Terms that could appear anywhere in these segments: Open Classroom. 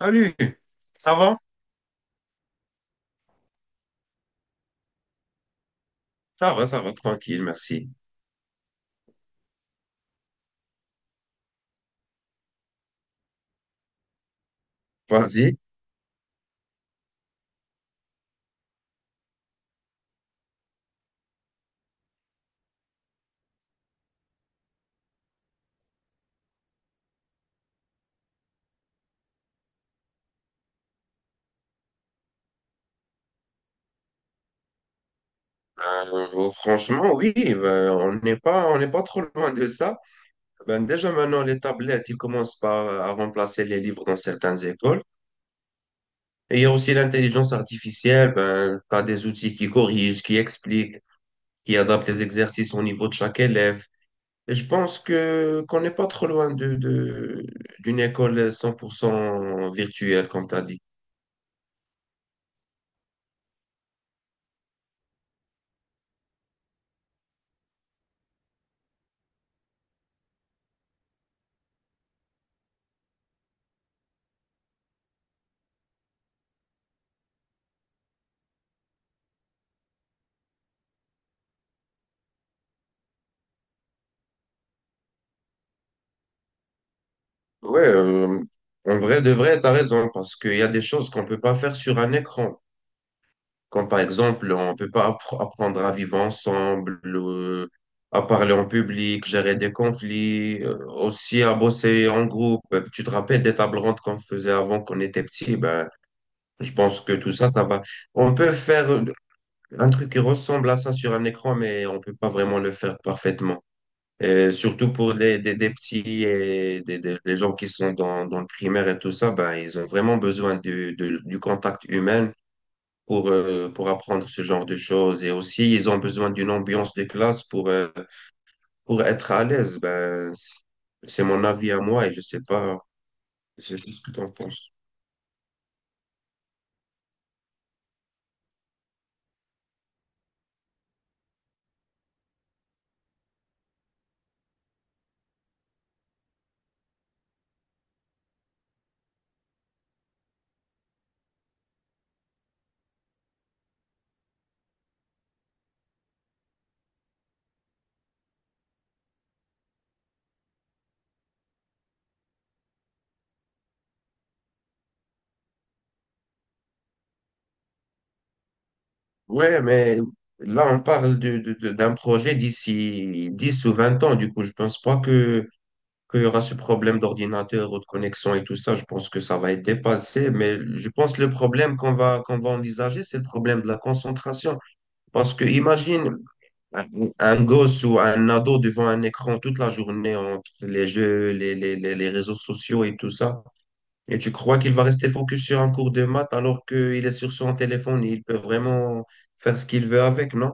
Salut, ça va? Ça va, ça va, tranquille, merci. Vas-y. Franchement, oui, ben, on n'est pas trop loin de ça. Ben, déjà maintenant, les tablettes, ils commencent par à remplacer les livres dans certaines écoles. Et il y a aussi l'intelligence artificielle, ben, tu as des outils qui corrigent, qui expliquent, qui adaptent les exercices au niveau de chaque élève. Et je pense que qu'on n'est pas trop loin d'une école 100% virtuelle, comme tu as dit. Ouais, euh, En vrai, de vrai, t'as raison, parce qu'il y a des choses qu'on peut pas faire sur un écran. Comme par exemple, on peut pas apprendre à vivre ensemble, à parler en public, gérer des conflits, aussi à bosser en groupe. Tu te rappelles des tables rondes qu'on faisait avant qu'on était petit? Ben, je pense que tout ça, ça va. On peut faire un truc qui ressemble à ça sur un écran, mais on peut pas vraiment le faire parfaitement. Et surtout pour des petits et des gens qui sont dans le primaire et tout ça, ben, ils ont vraiment besoin du contact humain pour apprendre ce genre de choses. Et aussi, ils ont besoin d'une ambiance de classe pour être à l'aise. Ben, c'est mon avis à moi et je sais pas ce que tu en penses. Ouais, mais là, on parle d'un projet d'ici 10 ou 20 ans. Du coup, je pense pas que qu'il y aura ce problème d'ordinateur ou de connexion et tout ça, je pense que ça va être dépassé. Mais je pense que le problème qu'on va envisager, c'est le problème de la concentration. Parce que imagine un un gosse ou un ado devant un écran toute la journée entre les jeux, les réseaux sociaux et tout ça. Et tu crois qu'il va rester focus sur un cours de maths alors qu'il est sur son téléphone et il peut vraiment faire ce qu'il veut avec, non?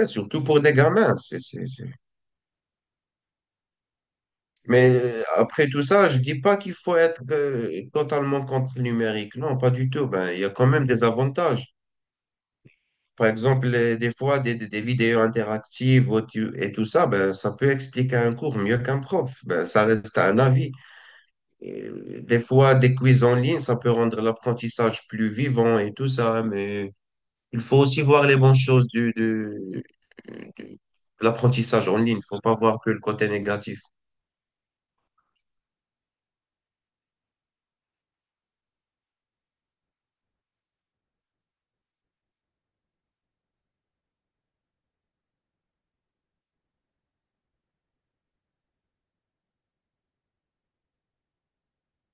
Et surtout pour des gamins, mais après tout ça, je dis pas qu'il faut être totalement contre le numérique. Non, pas du tout. Ben, il y a quand même des avantages. Par exemple, des fois, des vidéos interactives et tout ça, ben, ça peut expliquer un cours mieux qu'un prof. Ben, ça reste un avis. Et, des fois, des quiz en ligne, ça peut rendre l'apprentissage plus vivant et tout ça. Mais il faut aussi voir les bonnes choses du- de l'apprentissage en ligne. Il faut pas voir que le côté négatif.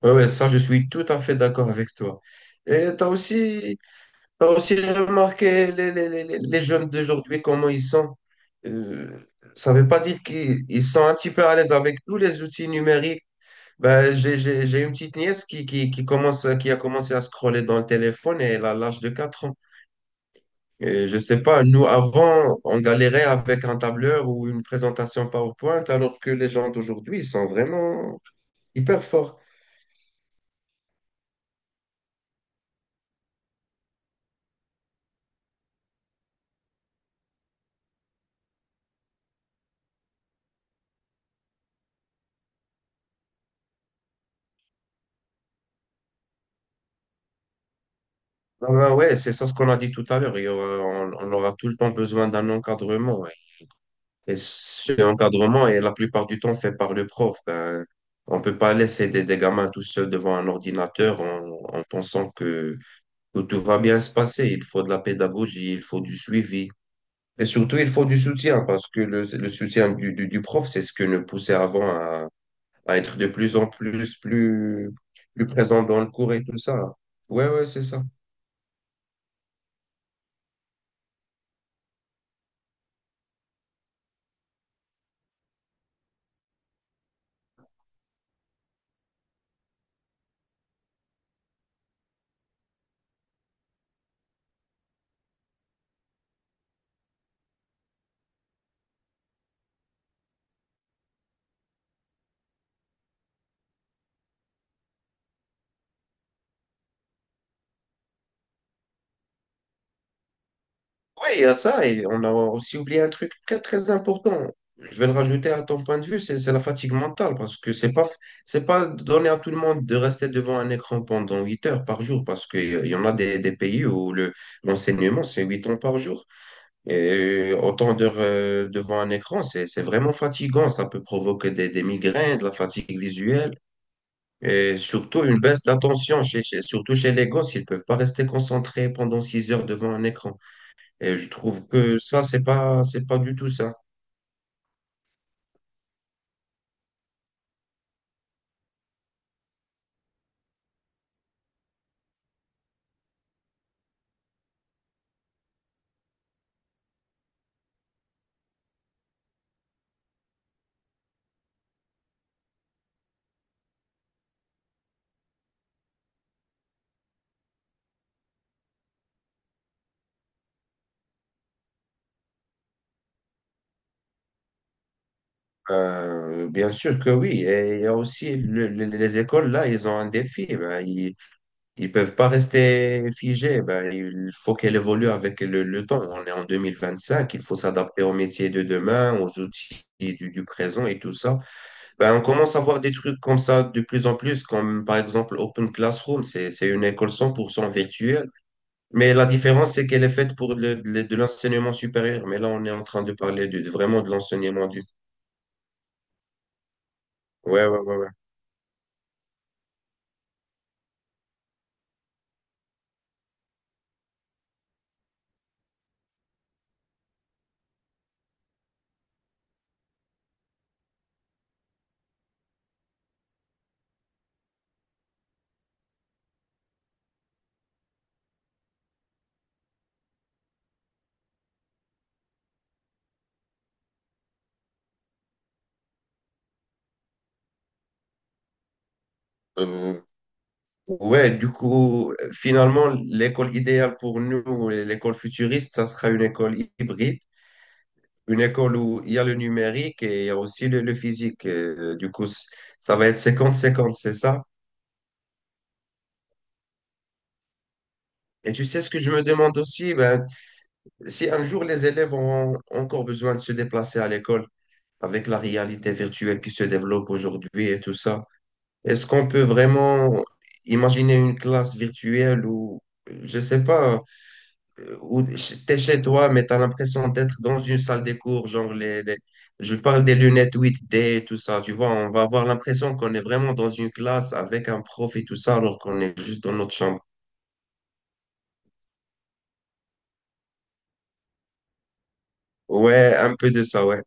Oui, ouais, ouais, ça, je suis tout à fait d'accord avec toi. Et tu as aussi T'as aussi remarqué les jeunes d'aujourd'hui, comment ils sont. Euh, Ça ne veut pas dire qu'ils ils sont un petit peu à l'aise avec tous les outils numériques. Ben, j'ai une petite nièce qui qui a commencé à scroller dans le téléphone et elle a l'âge de 4 ans. Et je sais pas, nous, avant, on galérait avec un tableur ou une présentation PowerPoint, alors que les gens d'aujourd'hui, ils sont vraiment hyper forts. Ah ben ouais, c'est ça ce qu'on a dit tout à l'heure. On aura tout le temps besoin d'un encadrement. Ouais. Et ce encadrement est la plupart du temps fait par le prof. Ben, on peut pas laisser des gamins tout seuls devant un ordinateur en pensant que tout va bien se passer. Il faut de la pédagogie, il faut du suivi. Et surtout, il faut du soutien parce que le soutien du prof, c'est ce que nous poussait avant à être de plus en plus présent dans le cours et tout ça. Ouais, ouais, c'est ça. Oui, il y a ça, et on a aussi oublié un truc très très important. Je vais le rajouter à ton point de vue, c'est la fatigue mentale, parce que c'est pas donné à tout le monde de rester devant un écran pendant 8 heures par jour, parce qu'il y en a des pays où le l'enseignement c'est 8 heures par jour. Et autant d'heures devant un écran, c'est vraiment fatigant, ça peut provoquer des migraines, de la fatigue visuelle. Et surtout une baisse d'attention, surtout chez les gosses, ils peuvent pas rester concentrés pendant 6 heures devant un écran. Et je trouve que ça, c'est pas du tout ça. Bien sûr que oui. Et il y a aussi les écoles, là, ils ont un défi. Ben, ils peuvent pas rester figés. Ben, il faut qu'elles évoluent avec le temps. On est en 2025. Il faut s'adapter aux métiers de demain, aux outils du présent et tout ça. Ben, on commence à voir des trucs comme ça de plus en plus, comme par exemple Open Classroom. C'est une école 100% virtuelle. Mais la différence, c'est qu'elle est faite pour de l'enseignement supérieur. Mais là, on est en train de parler vraiment de l'enseignement du... Ouais, ouais, ouais, ouais. Euh, ouais, du coup, finalement, l'école idéale pour nous, ou l'école futuriste, ça sera une école hybride, une école où il y a le numérique et il y a aussi le physique. Et, du coup, ça va être 50-50, c'est ça? Et tu sais ce que je me demande aussi? Ben, si un jour les élèves ont encore besoin de se déplacer à l'école avec la réalité virtuelle qui se développe aujourd'hui et tout ça, est-ce qu'on peut vraiment imaginer une classe virtuelle où, je sais pas, où t'es chez toi, mais t'as l'impression d'être dans une salle des cours, genre je parle des lunettes 8D et tout ça, tu vois, on va avoir l'impression qu'on est vraiment dans une classe avec un prof et tout ça, alors qu'on est juste dans notre chambre. Ouais, un peu de ça, ouais.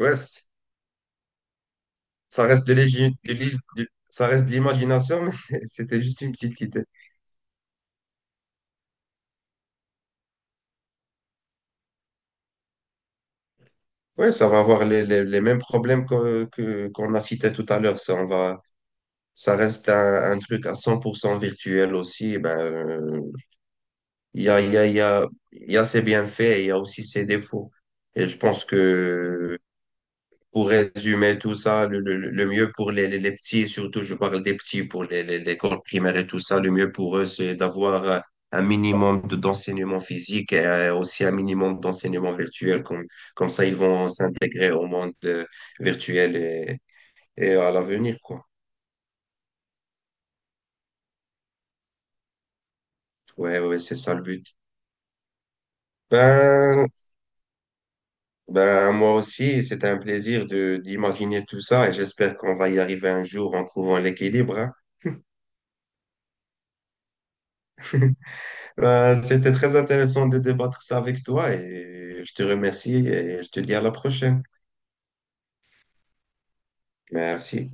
Ouais, ça reste de l'égi- de l'é- de- ça reste de l'imagination, mais c'était juste une petite idée. Oui, ça va avoir les mêmes problèmes qu'on a cités tout à l'heure. Ça reste un truc à 100% virtuel aussi. Eh ben, il y a, il y a, il y a, il y a ses bienfaits et il y a aussi ses défauts. Et je pense que pour résumer tout ça, le mieux pour les petits, surtout je parle des petits pour l'école primaire et tout ça, le mieux pour eux, c'est d'avoir un minimum d'enseignement physique et aussi un minimum d'enseignement virtuel. Comme, comme ça, ils vont s'intégrer au monde virtuel et à l'avenir, quoi. Ouais, ouais, c'est ça le but. Ben, ben, moi aussi, c'est un plaisir de d'imaginer tout ça et j'espère qu'on va y arriver un jour en trouvant l'équilibre, hein. C'était très intéressant de débattre ça avec toi et je te remercie et je te dis à la prochaine. Merci.